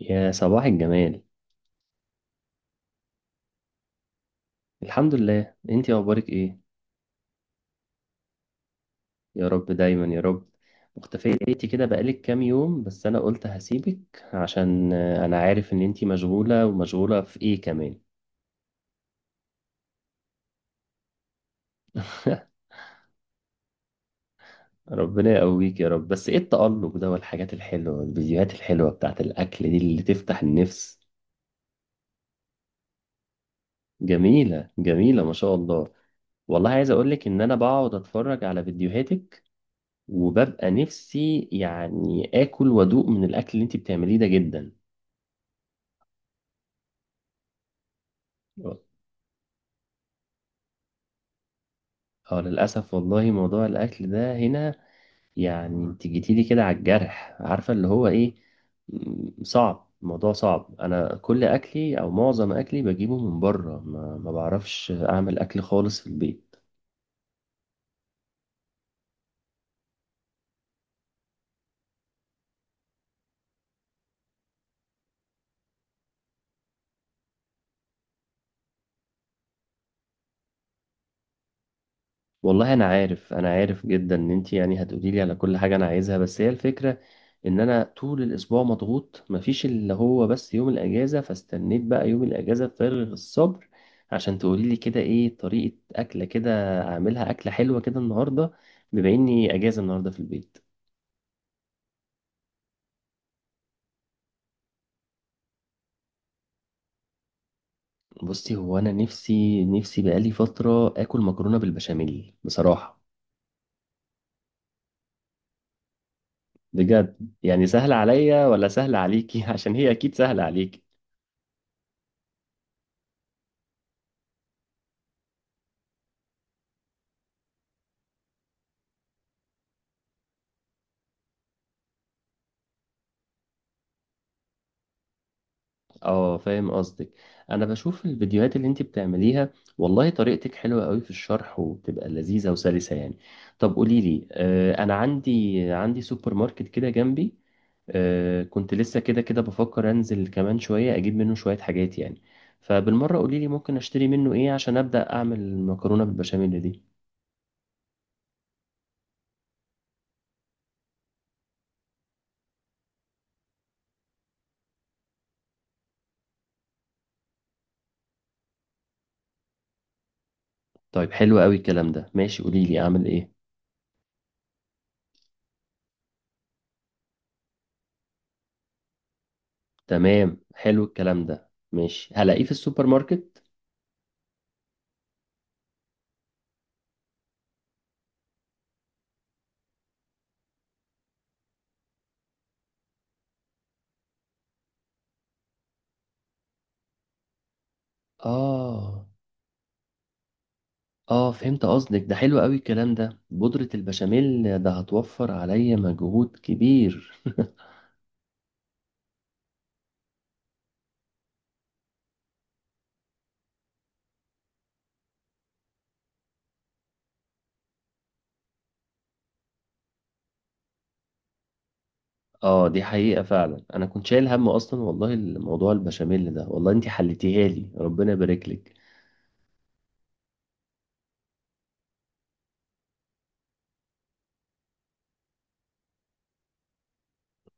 يا صباح الجمال. الحمد لله، انتي اخبارك ايه؟ يا رب دايما يا رب. مختفية بقيتي كده بقالك كام يوم، بس انا قلت هسيبك عشان انا عارف ان انتي مشغولة ومشغولة في ايه كمان. ربنا يقويك يا رب، بس ايه التألق ده والحاجات الحلوة والفيديوهات الحلوة بتاعت الأكل دي اللي تفتح النفس؟ جميلة جميلة ما شاء الله. والله عايز أقولك إن أنا بقعد أتفرج على فيديوهاتك وببقى نفسي يعني آكل وأدوق من الأكل اللي أنت بتعمليه ده جدا. اه للأسف والله موضوع الأكل ده هنا، يعني انت جيتيلي كده على الجرح، عارفة اللي هو ايه. صعب، الموضوع صعب. أنا كل أكلي أو معظم أكلي بجيبه من بره، ما بعرفش أعمل أكل خالص في البيت. والله انا عارف، انا عارف جدا ان انت يعني هتقولي لي على كل حاجه انا عايزها، بس هي الفكره ان انا طول الاسبوع مضغوط، مفيش اللي هو بس يوم الاجازه، فاستنيت بقى يوم الاجازه بفارغ الصبر عشان تقولي لي كده ايه طريقه اكله كده، اعملها اكله حلوه كده النهارده بما اني اجازه النهارده في البيت. بصي، هو انا نفسي نفسي بقالي فتره اكل مكرونه بالبشاميل بصراحه. بجد يعني سهله عليا ولا سهله عليكي؟ عشان هي اكيد سهله عليكي. اه فاهم قصدك، انا بشوف الفيديوهات اللي انت بتعمليها، والله طريقتك حلوة قوي في الشرح وبتبقى لذيذة وسلسة يعني. طب قولي لي، آه انا عندي سوبر ماركت كده جنبي، آه كنت لسه كده كده بفكر انزل كمان شوية اجيب منه شوية حاجات يعني، فبالمرة قولي لي ممكن اشتري منه ايه عشان ابدأ اعمل المكرونة بالبشاميل دي. طيب حلو قوي الكلام ده، ماشي، قولي لي اعمل ايه. تمام، حلو الكلام ده، ماشي، هلاقيه في السوبر ماركت. اه. اه فهمت قصدك، ده حلو قوي الكلام ده، بودرة البشاميل ده هتوفر عليا مجهود كبير. اه دي حقيقة فعلا، انا كنت شايل هم اصلا والله الموضوع البشاميل ده، والله انتي حلتيها لي، ربنا يبارك لك.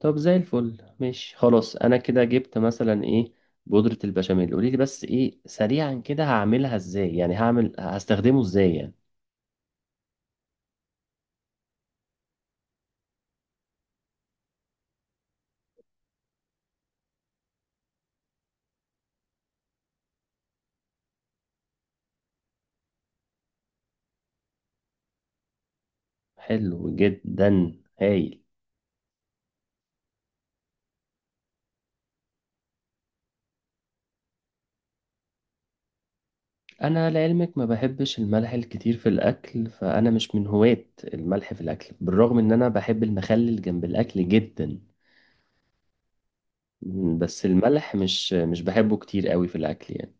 طب زي الفل، ماشي خلاص، انا كده جبت مثلا ايه بودرة البشاميل، قولي لي بس ايه سريعا كده هعملها ازاي يعني، هعمل هستخدمه ازاي يعني. حلو جدا، هايل. انا لعلمك ما بحبش الملح الكتير في الاكل، فانا مش من هواة الملح في الاكل، بالرغم ان انا بحب المخلل جنب الاكل جدا. مم، بس الملح مش بحبه كتير قوي في الاكل يعني.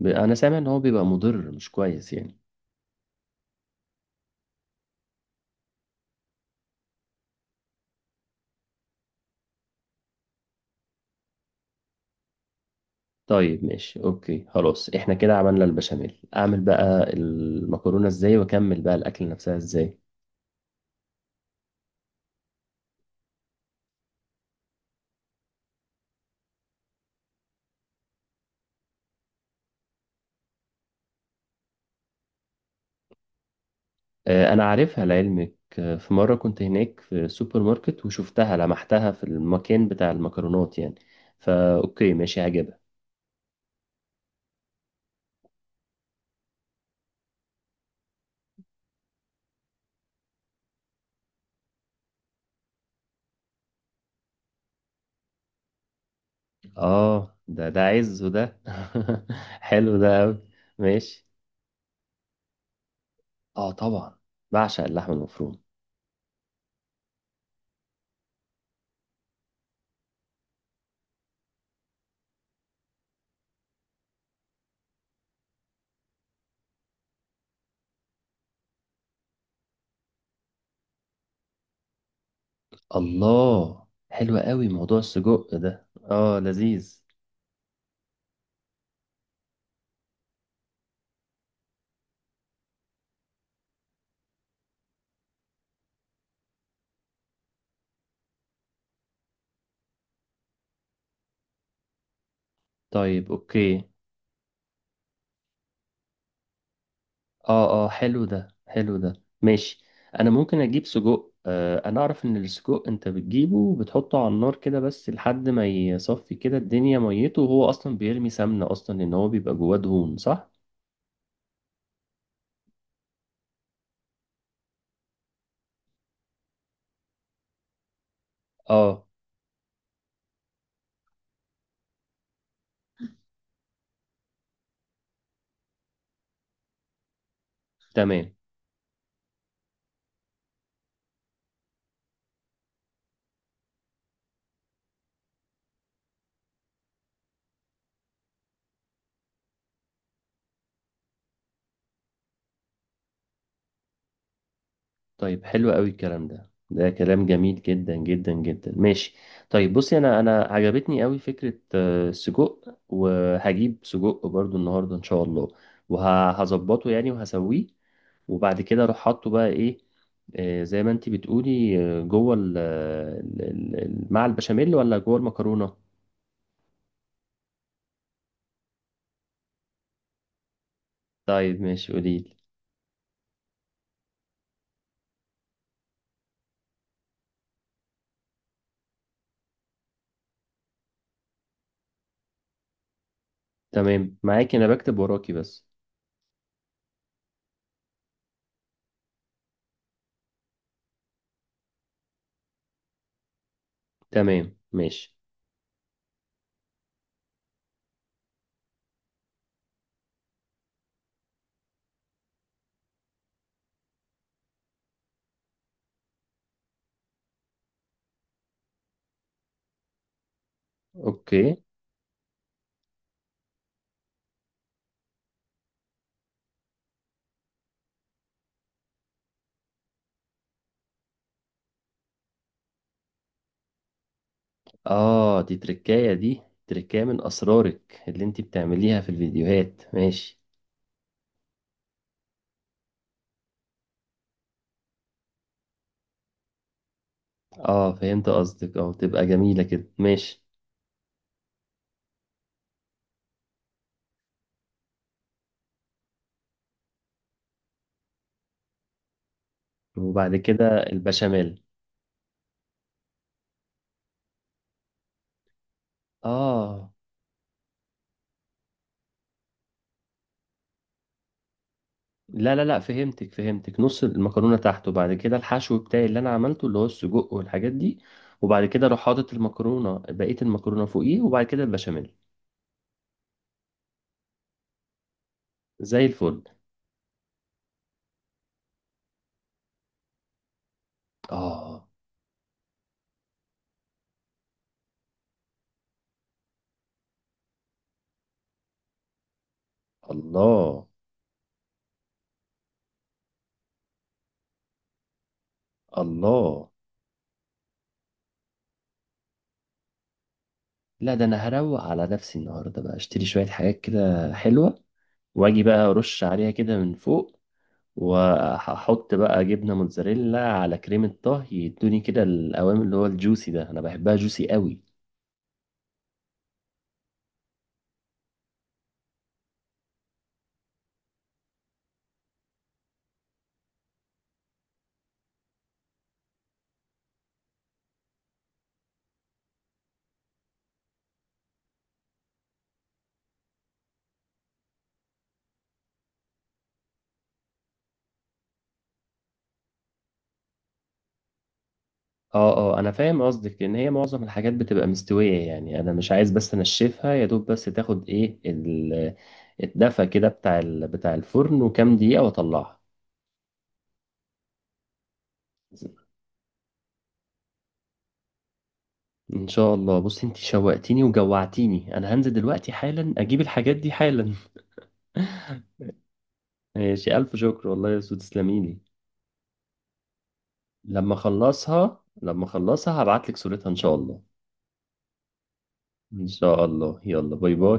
انا سامع ان هو بيبقى مضر، مش كويس يعني. طيب ماشي، اوكي خلاص، احنا كده عملنا البشاميل، اعمل بقى المكرونة ازاي واكمل بقى الاكل نفسها ازاي؟ انا عارفها لعلمك، في مرة كنت هناك في سوبر ماركت وشفتها لمحتها في المكان بتاع المكرونات يعني، فا اوكي ماشي، عجب. اه ده ده عز وده. حلو ده قوي. ماشي. اه طبعا، بعشق اللحم المفروم. الله حلو قوي موضوع السجق ده، اه لذيذ. طيب اوكي. اه اه حلو ده، حلو ده ماشي. انا ممكن اجيب سجق، آه انا اعرف ان السجق انت بتجيبه وبتحطه على النار كده بس لحد ما يصفي كده الدنيا ميته، وهو اصلا بيرمي سمنة اصلا لان هو بيبقى جواه دهون، صح؟ اه تمام. طيب حلو قوي الكلام ده، ده كلام جميل جدا جدا جدا، ماشي. طيب بصي، انا عجبتني قوي فكرة السجق، وهجيب سجق برضو النهاردة ان شاء الله، وهظبطه يعني وهسويه. وبعد كده اروح حاطه بقى ايه، زي ما انتي بتقولي، جوه مع البشاميل ولا جوه المكرونة؟ طيب ماشي قوليلي. تمام معاكي، انا بكتب وراكي بس. تمام، ماشي، اوكي. اه دي تركاية، دي تركاية من اسرارك اللي انتي بتعمليها في الفيديوهات، ماشي. اه فهمت قصدك، اه تبقى جميلة كده، ماشي. وبعد كده البشاميل. اه. لا لا لا فهمتك فهمتك، نص المكرونة تحت، وبعد كده الحشو بتاعي اللي انا عملته اللي هو السجق والحاجات دي، وبعد كده اروح حاطط المكرونة بقية المكرونة فوقيه، وبعد كده البشاميل. زي الفل. اه. الله. الله. لا ده انا هروق على نفسي النهارده بقى، اشتري شوية حاجات كده حلوة واجي بقى ارش عليها كده من فوق. وهحط بقى جبنه موتزاريلا على كريمه طهي يدوني كده القوام اللي هو الجوسي ده، انا بحبها جوسي قوي. اه اه انا فاهم قصدك، لان هي معظم الحاجات بتبقى مستويه يعني، انا مش عايز بس انشفها يا دوب، بس تاخد ايه الدفى كده بتاع بتاع الفرن وكام دقيقه واطلعها. ان شاء الله، بص انت شوقتيني وجوعتيني، انا هنزل دلوقتي حالا اجيب الحاجات دي حالا. ماشي، الف شكر والله يا سو، تسلميلي. لما اخلصها هبعت لك صورتها ان شاء الله. ان شاء الله، يلا باي باي.